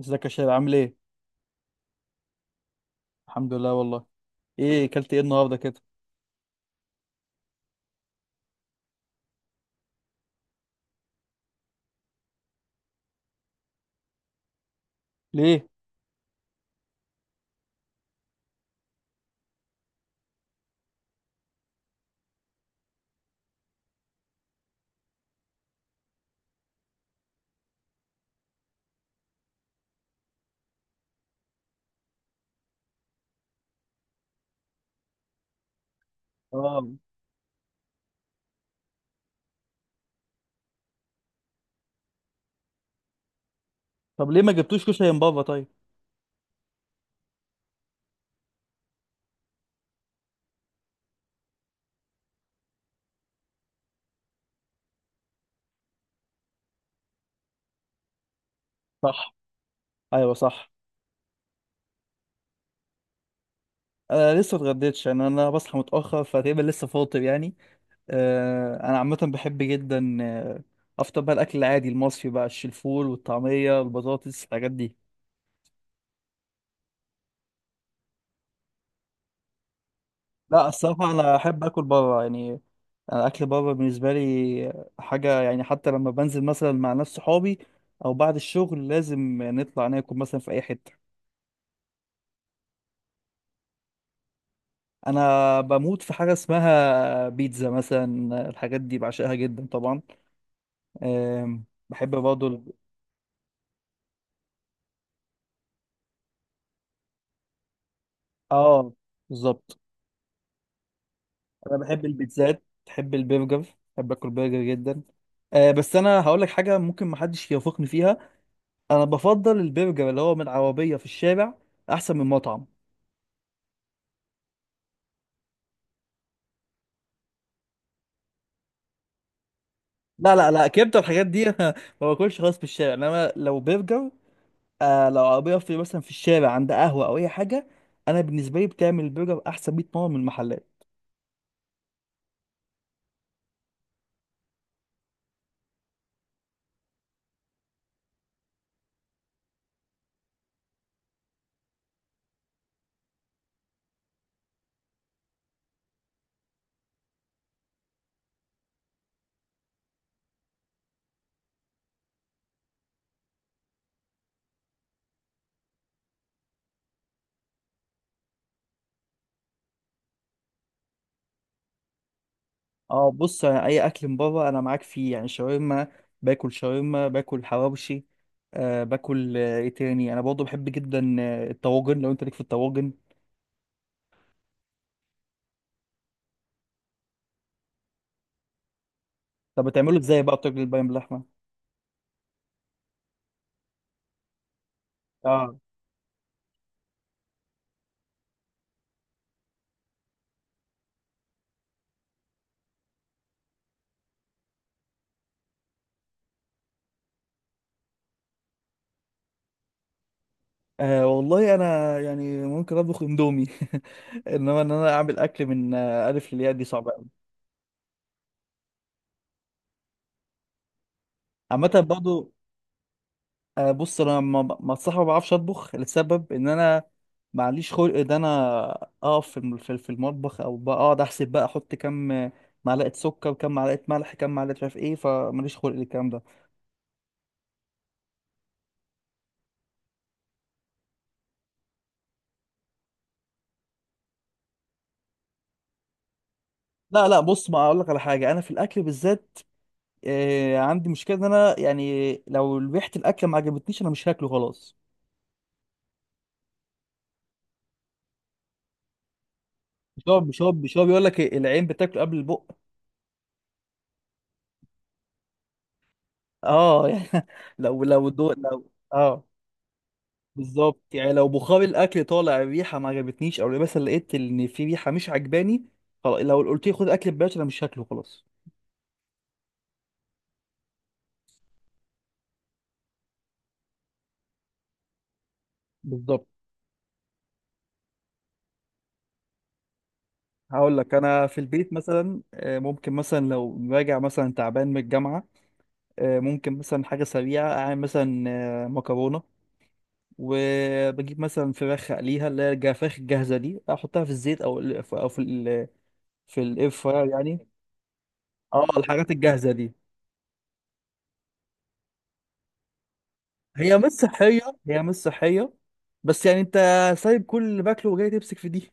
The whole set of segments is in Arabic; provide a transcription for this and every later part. ازيك يا شباب؟ عامل ايه؟ الحمد لله والله. ايه اكلت ايه النهارده كده؟ ليه؟ اه. طب ليه ما جبتوش كشري من بابا طيب؟ صح. ايوه صح. انا لسه اتغديتش يعني، انا بصحى متاخر فتقريبا لسه فاطر يعني. انا عامه بحب جدا افطر بقى الاكل العادي المصري بقى، الفول والطعميه والبطاطس الحاجات دي. لا الصراحه انا احب اكل بره يعني، انا اكل بره بالنسبه لي حاجه يعني، حتى لما بنزل مثلا مع ناس صحابي او بعد الشغل لازم نطلع ناكل مثلا في اي حته. انا بموت في حاجه اسمها بيتزا مثلا، الحاجات دي بعشقها جدا طبعا. بحب برضه اه بالظبط. انا بحب البيتزات، بحب البرجر، بحب اكل برجر جدا. أه بس انا هقول لك حاجه ممكن محدش يوافقني فيها، انا بفضل البرجر اللي هو من عربيه في الشارع احسن من مطعم. لا لا لا، كبده الحاجات دي ما باكلش خالص في الشارع، انما لو برجر، آه لو عربيه في مثلا في الشارع عند قهوه او اي حاجه، انا بالنسبه لي بتعمل البرجر احسن 100 مره من المحلات. اه بص يعني اي اكل من بره انا معاك فيه، يعني شاورما، باكل شاورما، باكل حواوشي، باكل ايه تاني؟ انا برضه بحب جدا الطواجن، لو انت ليك في الطواجن. طب بتعمله ازاي بقى الطاجن البايم باللحمه؟ اه. آه والله انا يعني ممكن اطبخ اندومي انما ان انا اعمل اكل من الف للياء دي صعبه قوي. عامه برضه بص، انا ما ب- ما الصراحه ما بعرفش اطبخ، لسبب ان انا معليش خلق ان انا اقف في المطبخ، او بقى اقعد احسب بقى، احط كام معلقه سكر وكام معلقه ملح كام معلقه مش عارف ايه، فماليش خلق للكلام ده. لا لا بص، ما اقول لك على حاجه، انا في الاكل بالذات عندي مشكله ان انا يعني لو ريحه الاكل ما عجبتنيش انا مش هاكله خلاص. مش هو بيقول لك العين بتاكل قبل البق؟ اه يعني، لو لو دو لو اه بالظبط، يعني لو بخار الاكل طالع، الريحه ما عجبتنيش، او مثلا لقيت ان في ريحه مش عجباني خلاص، لو قلت لي خد اكل ببلاش انا مش هاكله خلاص. بالظبط. هقول لك انا في البيت مثلا، ممكن مثلا لو راجع مثلا تعبان من الجامعه ممكن مثلا حاجه سريعه اعمل مثلا مكرونه، وبجيب مثلا فراخ اقليها، اللي هي الجفاخ الجاهزه دي احطها في الزيت، او في الاير فراير يعني. اه الحاجات الجاهزه دي هي مش صحية، هي مش صحية، بس يعني انت سايب كل اللي باكله وجاي تمسك في دي؟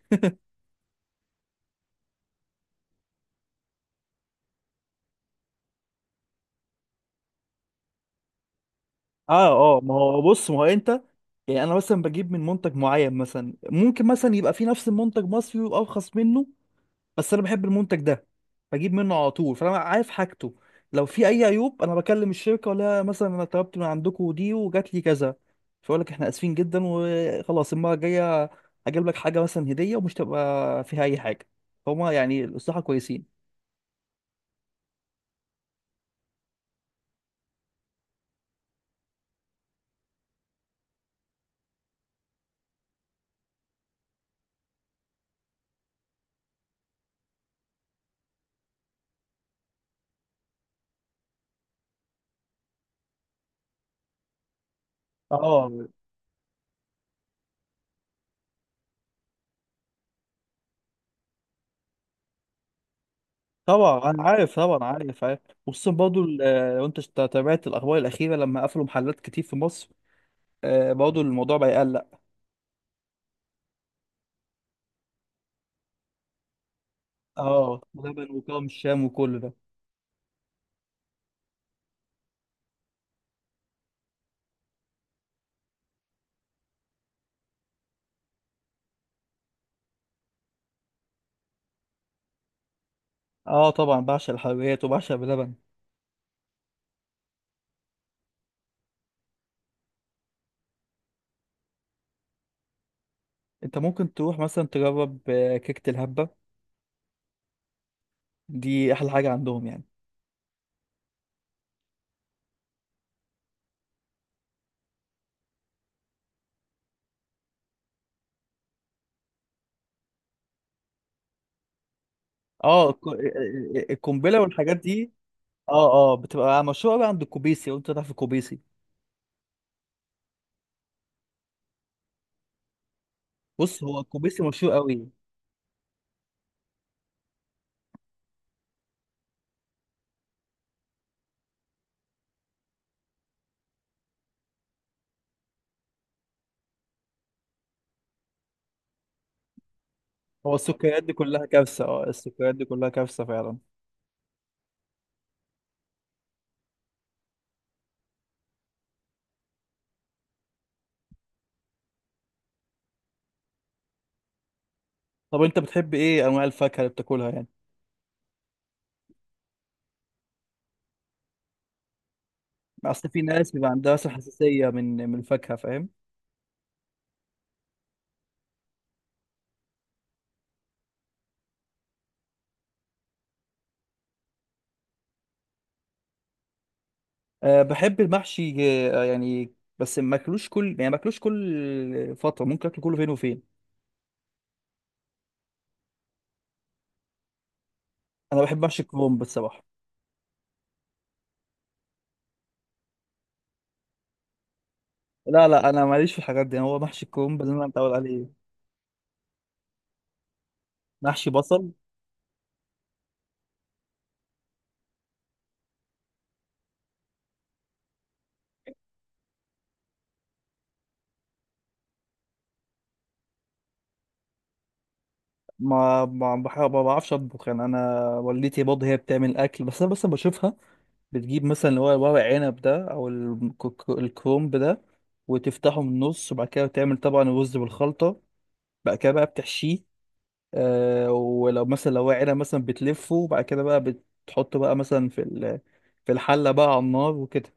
اه اه. ما هو بص، ما هو انت يعني انا مثلا بجيب من منتج معين، مثلا ممكن مثلا يبقى في نفس المنتج مصري ويبقى ارخص منه، بس انا بحب المنتج ده بجيب منه على طول، فانا عارف حاجته، لو في اي عيوب انا بكلم الشركة، ولا مثلا انا طلبت من عندكم دي وجات لي كذا، فيقول لك احنا اسفين جدا وخلاص، المرة الجاية هجيب لك حاجة مثلا هدية ومش تبقى فيها اي حاجة، فهم يعني الصراحة كويسين. اه طبعا انا عارف، طبعا عارف عارف. وخصوصا برضه لو تابعت الاخبار الاخيره لما قفلوا محلات كتير في مصر، برضه الموضوع بقى يقلق. اه بلبن وكرم الشام وكل ده. اه طبعا بعشق الحلويات وبعشق بلبن. انت ممكن تروح مثلا تجرب كيكه الهبه، دي احلى حاجه عندهم يعني. اه القنبله والحاجات دي. اه اه بتبقى مشهوره بقى عند الكوبيسي، وانت تعرف الكوبيسي، بص هو الكوبيسي مشهور قوي. هو السكريات دي كلها كارثه، اه السكريات دي كلها كارثه فعلا. طب انت بتحب ايه انواع الفاكهه اللي بتاكلها يعني؟ اصل في ناس بيبقى عندها مثلا حساسيه من الفاكهه، فاهم؟ أه بحب المحشي يعني، بس ما اكلوش كل، يعني ما اكلوش كل فتره، ممكن اكل كله فين وفين. انا بحب محشي الكرنب الصراحه. لا لا انا ماليش في الحاجات دي، هو محشي الكرنب اللي انا متعود عليه. محشي بصل؟ ما بعرفش اطبخ يعني، انا والدتي برضه هي بتعمل اكل، بس انا بس بشوفها بتجيب مثلا اللي هو ورق عنب ده، او الكرومب ده، وتفتحه من النص، وبعد كده تعمل طبعا الرز بالخلطه، بعد كده بقى بتحشيه، آه ولو مثلا لو ورق عنب مثلا بتلفه، وبعد كده بقى بتحطه بقى مثلا في الحله بقى على النار وكده.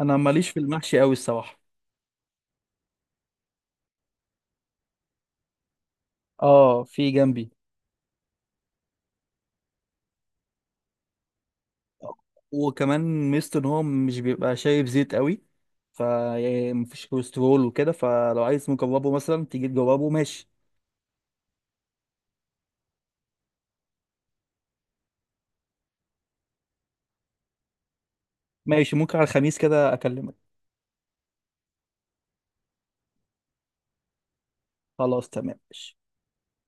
انا ماليش في المحشي قوي الصراحه. اه في جنبي، وكمان ميزته ان هو مش بيبقى شايب زيت قوي، ف يعني مفيش كوليسترول وكده، فلو عايز مجربه مثلا تيجي تجربه ماشي. ماشي، ممكن على الخميس كده اكلمك. خلاص تمام ماشي.